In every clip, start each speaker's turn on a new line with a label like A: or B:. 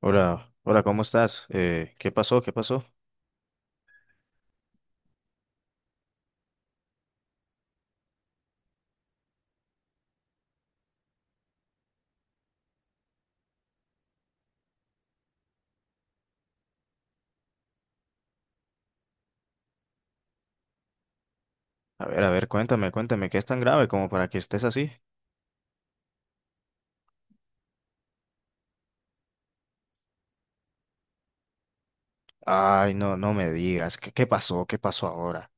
A: Hola, hola, ¿cómo estás? ¿Qué pasó? ¿Qué pasó? A ver, cuéntame, cuéntame, ¿qué es tan grave como para que estés así? Ay, no, no me digas, ¿qué pasó? ¿Qué pasó ahora?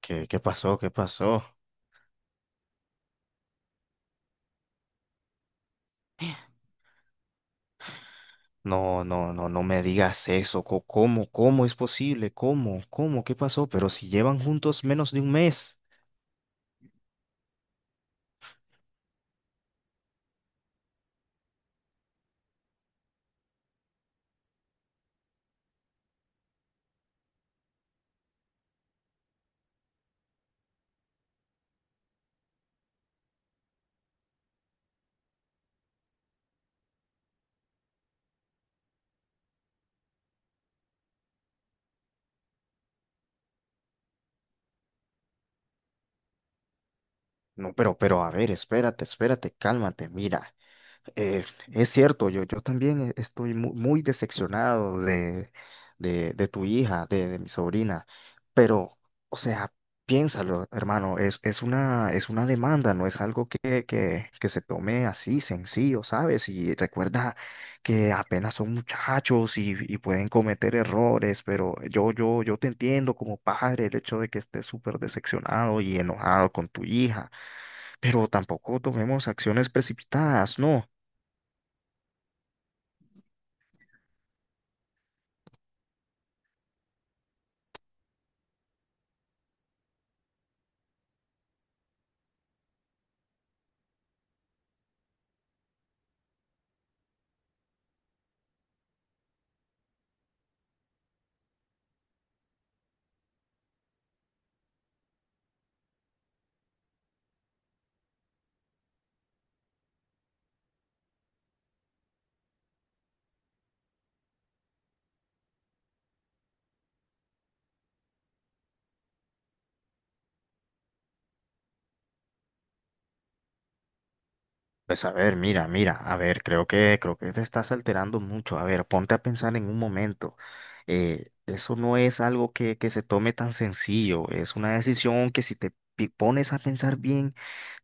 A: ¿Qué pasó? ¿Qué pasó? No, no, no, no me digas eso. ¿Cómo es posible? ¿Cómo, cómo? ¿Qué pasó? Pero si llevan juntos menos de un mes. No, pero, a ver, espérate, espérate, cálmate, mira. Eh, es cierto, yo también estoy muy decepcionado de tu hija, de mi sobrina, pero, o sea, piénsalo, hermano, es una demanda, no es algo que se tome así sencillo, ¿sabes? Y recuerda que apenas son muchachos y pueden cometer errores, pero yo te entiendo como padre, el hecho de que estés súper decepcionado y enojado con tu hija, pero tampoco tomemos acciones precipitadas, ¿no? Pues a ver, mira, mira, a ver, creo que te estás alterando mucho. A ver, ponte a pensar en un momento. Eso no es algo que se tome tan sencillo. Es una decisión que, si te pones a pensar bien,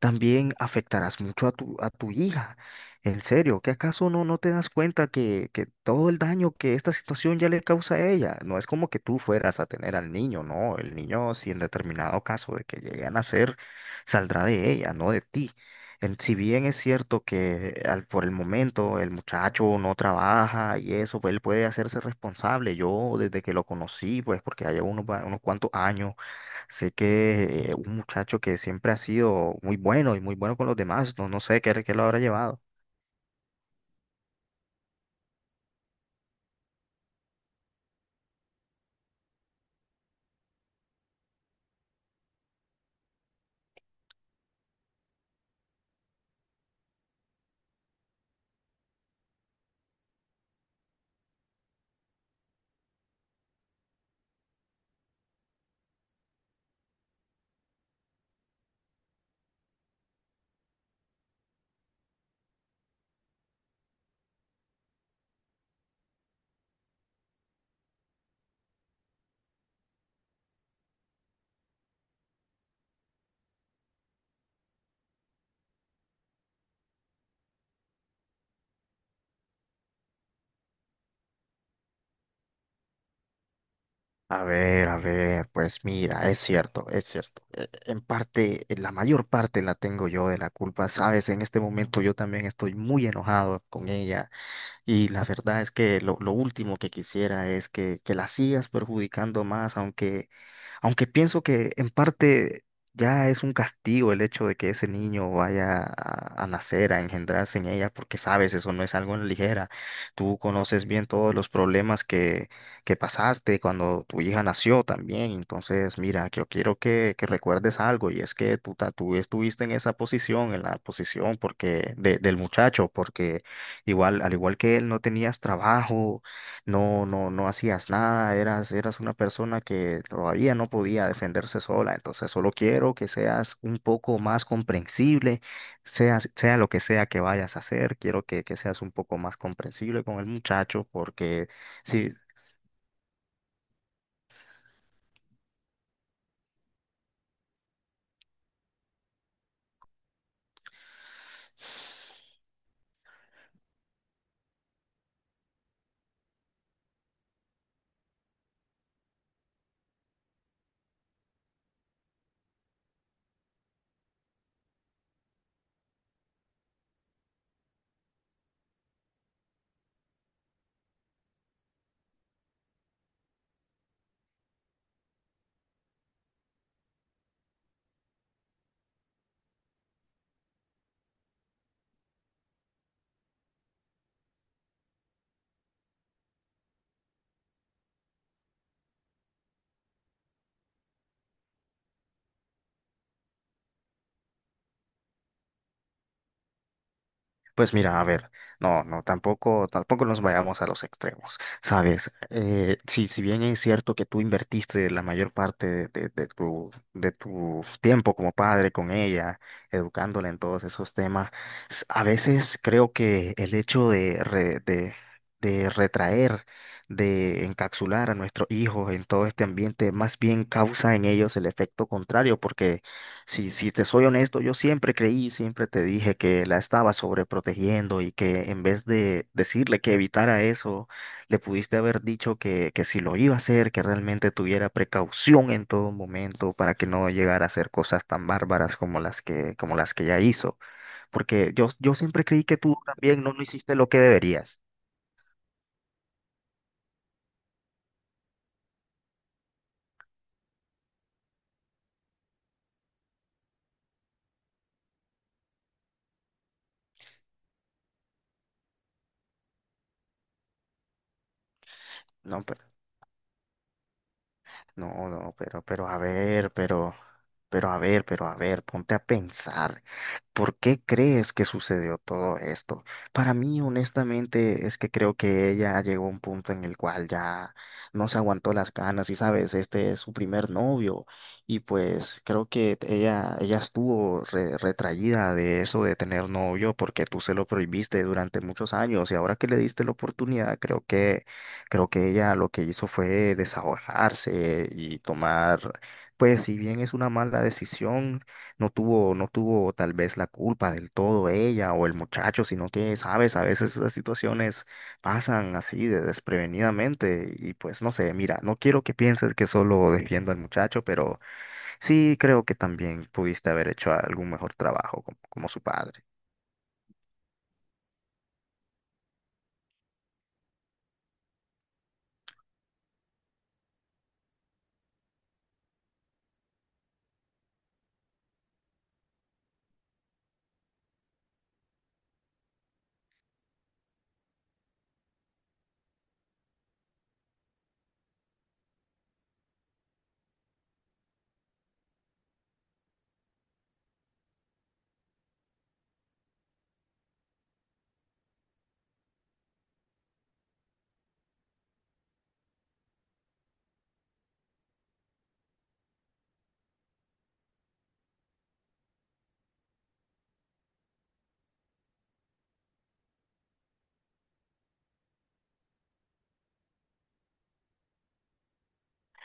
A: también afectarás mucho a tu hija. En serio, ¿qué acaso no te das cuenta que todo el daño que esta situación ya le causa a ella? No es como que tú fueras a tener al niño, no. El niño, si en determinado caso de que lleguen a nacer, saldrá de ella, no de ti. Si bien es cierto que, por el momento, el muchacho no trabaja y eso, pues él puede hacerse responsable. Yo, desde que lo conocí, pues porque ya llevo unos cuantos años, sé que, un muchacho que siempre ha sido muy bueno y muy bueno con los demás, no, no sé qué, qué lo habrá llevado. A ver, pues mira, es cierto, es cierto. En parte, la mayor parte la tengo yo de la culpa, ¿sabes? En este momento yo también estoy muy enojado con ella. Y la verdad es que lo último que quisiera es que la sigas perjudicando más, aunque pienso que en parte ya es un castigo el hecho de que ese niño vaya a nacer, a engendrarse en ella, porque sabes, eso no es algo a la ligera. Tú conoces bien todos los problemas que pasaste cuando tu hija nació también. Entonces, mira, yo quiero que recuerdes algo, y es que tú estuviste en esa posición, en la posición porque, del muchacho, porque, igual, al igual que él, no tenías trabajo, no hacías nada, eras una persona que todavía no podía defenderse sola. Entonces, solo quiero que seas un poco más comprensible, sea lo que sea que vayas a hacer, quiero que seas un poco más comprensible con el muchacho, porque, sí. Pues mira, a ver, no, no, tampoco nos vayamos a los extremos, ¿sabes? Si bien es cierto que tú invertiste la mayor parte de tu tiempo como padre con ella, educándola en todos esos temas, a veces creo que el hecho de, re- de retraer, de encapsular a nuestros hijos en todo este ambiente, más bien causa en ellos el efecto contrario, porque, si te soy honesto, yo siempre creí, siempre te dije que la estaba sobreprotegiendo y que, en vez de decirle que evitara eso, le pudiste haber dicho que si lo iba a hacer, que realmente tuviera precaución en todo momento para que no llegara a hacer cosas tan bárbaras como las que ya hizo. Porque yo siempre creí que tú también no hiciste lo que deberías. No, pero, no, pero a ver, pero a ver, pero a ver, ponte a pensar. ¿Por qué crees que sucedió todo esto? Para mí, honestamente, es que creo que ella llegó a un punto en el cual ya no se aguantó las ganas y, sabes, este es su primer novio, y pues creo que ella estuvo retraída de eso de tener novio porque tú se lo prohibiste durante muchos años y, ahora que le diste la oportunidad, creo que ella lo que hizo fue desahogarse y tomar. Pues si bien es una mala decisión, no tuvo tal vez la culpa del todo ella o el muchacho, sino que, sabes, a veces esas situaciones pasan así, de desprevenidamente, y pues no sé, mira, no quiero que pienses que solo defiendo al muchacho, pero sí creo que también pudiste haber hecho algún mejor trabajo como su padre.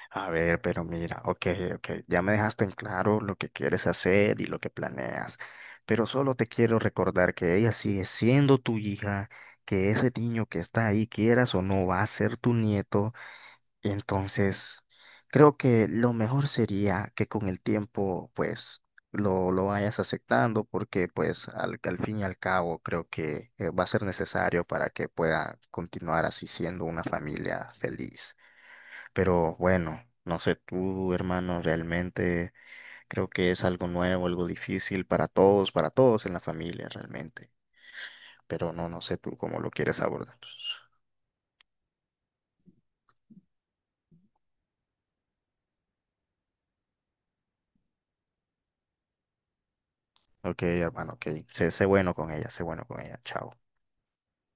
A: A ver, pero mira, ok, ok, ya me dejaste en claro lo que quieres hacer y lo que planeas, pero solo te quiero recordar que ella sigue siendo tu hija, que ese niño que está ahí, quieras o no, va a ser tu nieto. Entonces creo que lo mejor sería que, con el tiempo, pues, lo vayas aceptando, porque pues al fin y al cabo creo que, va a ser necesario para que pueda continuar así siendo una familia feliz. Pero bueno, no sé tú, hermano, realmente creo que es algo nuevo, algo difícil para todos en la familia, realmente. Pero no sé tú cómo lo quieres abordar. Ok, hermano, ok. Sé bueno con ella, sé bueno con ella. Chao.